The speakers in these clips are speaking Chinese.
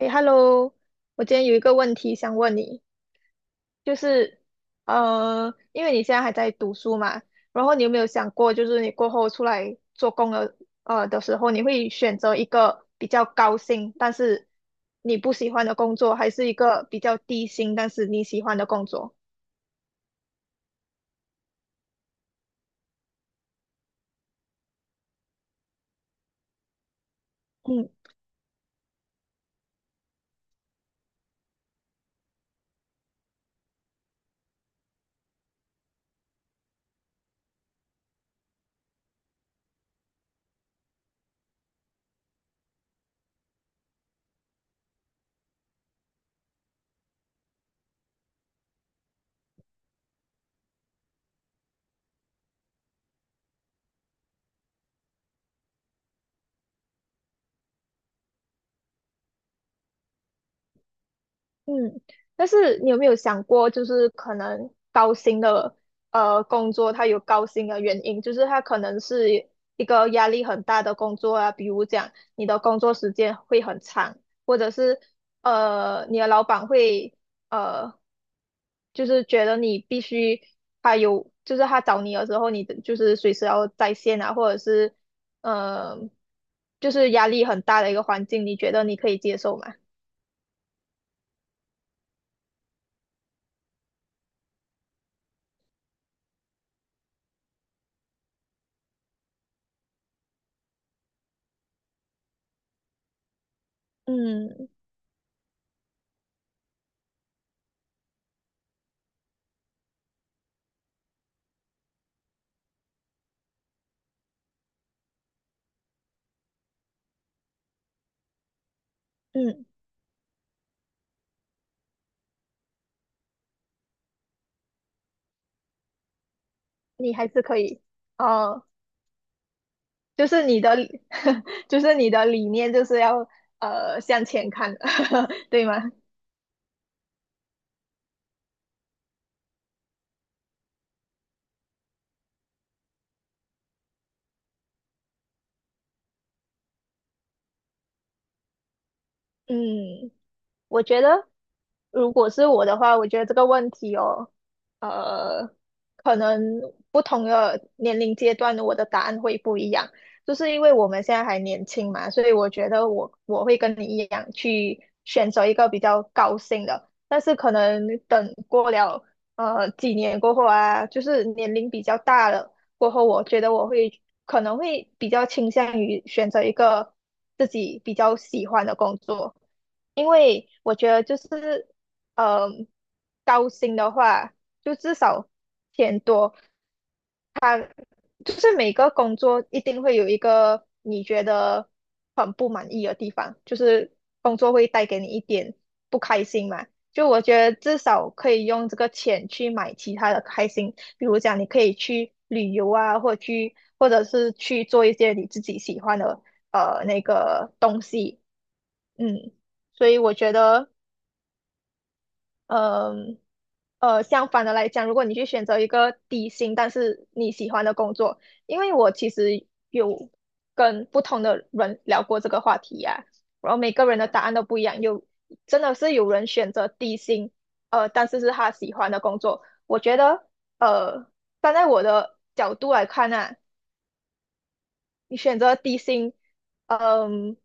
诶 h e l l o 我今天有一个问题想问你，就是，因为你现在还在读书嘛，然后你有没有想过，就是你过后出来做工了，时候，你会选择一个比较高薪，但是你不喜欢的工作，还是一个比较低薪，但是你喜欢的工作？嗯。嗯，但是你有没有想过，就是可能高薪的工作，它有高薪的原因，就是它可能是一个压力很大的工作啊，比如讲你的工作时间会很长，或者是你的老板会呃就是觉得你必须他有，就是他找你的时候，你的就是随时要在线啊，或者是呃就是压力很大的一个环境，你觉得你可以接受吗？嗯嗯。你还是可以，呃，就是你的 就是你的理念就是要向前看，对吗？嗯，我觉得，如果是我的话，我觉得这个问题哦，呃，可能不同的年龄阶段，我的答案会不一样。就是因为我们现在还年轻嘛，所以我觉得我会跟你一样去选择一个比较高兴的。但是可能等过了几年过后啊，就是年龄比较大了，过后，我觉得我会可能会比较倾向于选择一个自己比较喜欢的工作，因为我觉得就是，嗯、高薪的话，就至少钱多，就是每个工作一定会有一个你觉得很不满意的地方，就是工作会带给你一点不开心嘛。就我觉得至少可以用这个钱去买其他的开心，比如讲你可以去旅游啊，或者去或者是去做一些你自己喜欢的那个东西，嗯，所以我觉得。嗯相反的来讲，如果你去选择一个低薪但是你喜欢的工作，因为我其实有跟不同的人聊过这个话题呀、然后每个人的答案都不一样，有真的是有人选择低薪，但是是他喜欢的工作。我觉得，呃，站在我的角度来看啊。你选择低薪，嗯，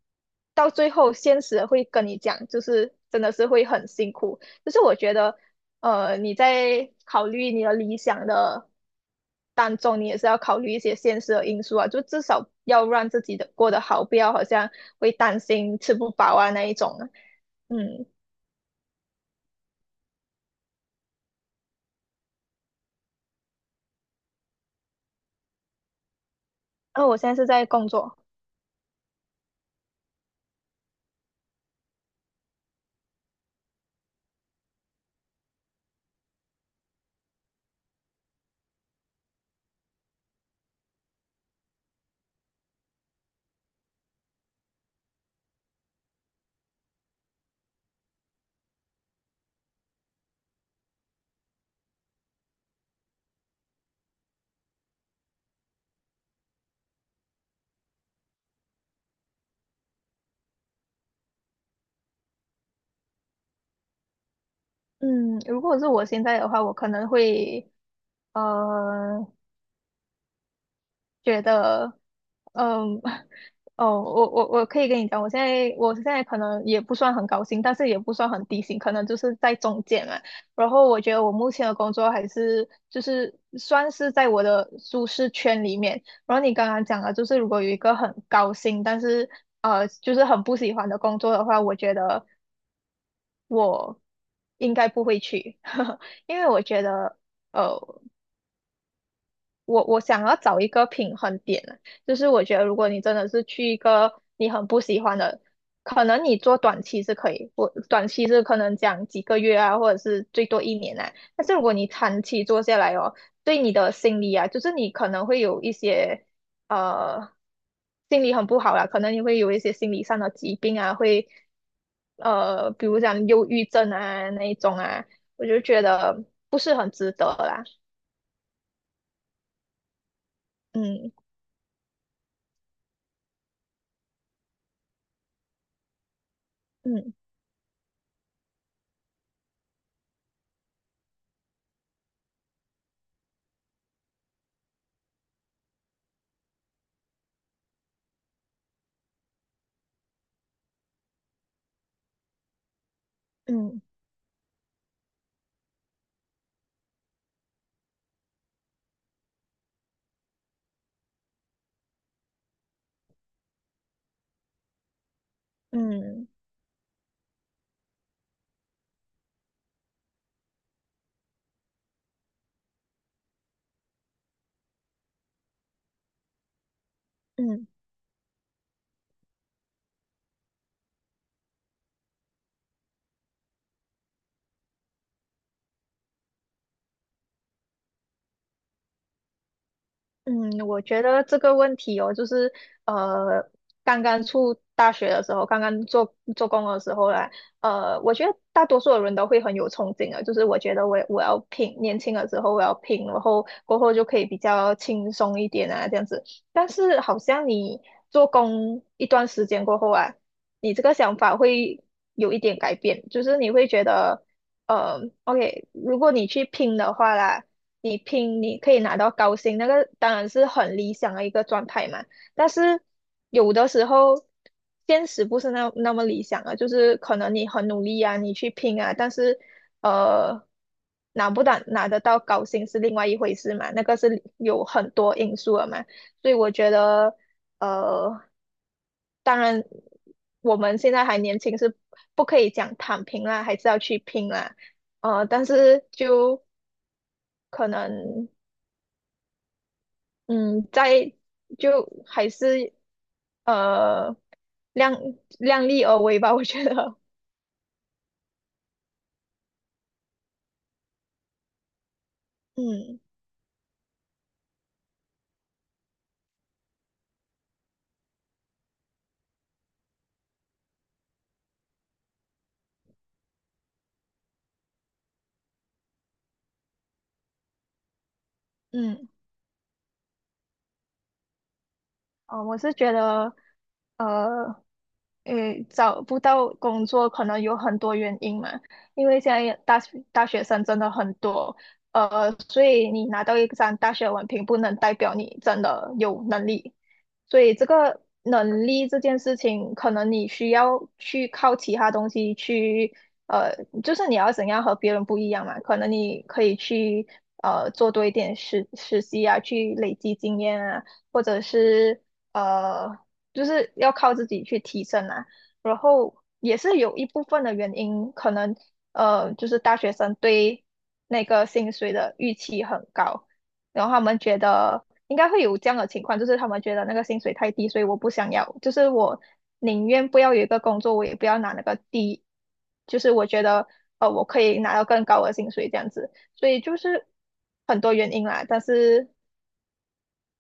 到最后现实会跟你讲，就是真的是会很辛苦。就是我觉得，你在考虑你的理想的当中，你也是要考虑一些现实的因素啊，就至少要让自己的过得好，不要好像会担心吃不饱啊那一种啊嗯，那我现在是在工作。嗯，如果是我现在的话，我可能会，呃，觉得，嗯，哦，我可以跟你讲，我现在可能也不算很高薪，但是也不算很低薪，可能就是在中间嘛。然后我觉得我目前的工作还是就是算是在我的舒适圈里面。然后你刚刚讲了，就是如果有一个很高薪，但是就是很不喜欢的工作的话，我觉得我应该不会去，因为我觉得。呃。我想要找一个平衡点啊，就是我觉得如果你真的是去一个你很不喜欢的，可能你做短期是可以，我短期是可能讲几个月啊，或者是最多一年啊。但是如果你长期做下来哦，对你的心理啊，就是你可能会有一些呃心理很不好啦，可能你会有一些心理上的疾病啊，会比如讲忧郁症啊那一种啊，我就觉得不是很值得啦。嗯嗯嗯。嗯嗯嗯。我觉得这个问题哦，就是呃，刚刚出大学的时候，刚刚做做工的时候啦，我觉得大多数的人都会很有憧憬啊，就是我觉得我要拼，年轻的时候我要拼，然后过后就可以比较轻松一点啊，这样子。但是好像你做工一段时间过后啊，你这个想法会有一点改变，就是你会觉得，OK，如果你去拼的话啦。你拼你可以拿到高薪，那个当然是很理想的一个状态嘛。但是有的时候现实不是那么理想啊，就是可能你很努力啊，你去拼啊，但是呃拿不到拿得到高薪是另外一回事嘛，那个是有很多因素的嘛。所以我觉得呃，当然我们现在还年轻，是不可以讲躺平啦，还是要去拼啦。但是就可能。嗯，在就还是呃量量力而为吧，我觉得，嗯嗯哦，我是觉得，呃，诶，找不到工作可能有很多原因嘛，因为现在大学生真的很多，所以你拿到一张大学文凭不能代表你真的有能力，所以这个能力这件事情，可能你需要去靠其他东西去，呃，就是你要怎样和别人不一样嘛，可能你可以去。做多一点实习啊，去累积经验啊，或者是呃，就是要靠自己去提升啦。然后也是有一部分的原因，可能就是大学生对那个薪水的预期很高，然后他们觉得应该会有这样的情况，就是他们觉得那个薪水太低，所以我不想要，就是我宁愿不要有一个工作，我也不要拿那个低，就是我觉得我可以拿到更高的薪水这样子，所以就是很多原因啦，但是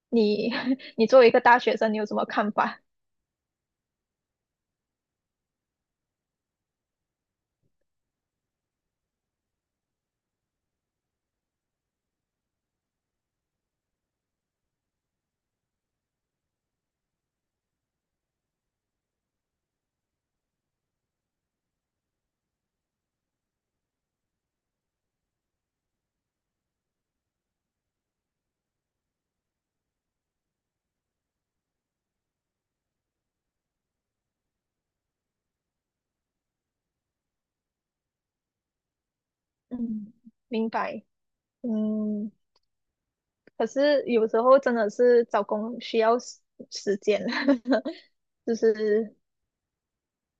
你 你作为一个大学生，你有什么看法？嗯，明白，嗯，可是有时候真的是找工需要时间，就是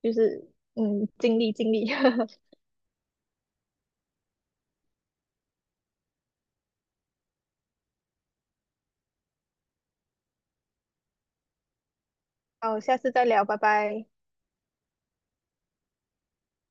就是嗯，尽力尽力，好，下次再聊，拜拜。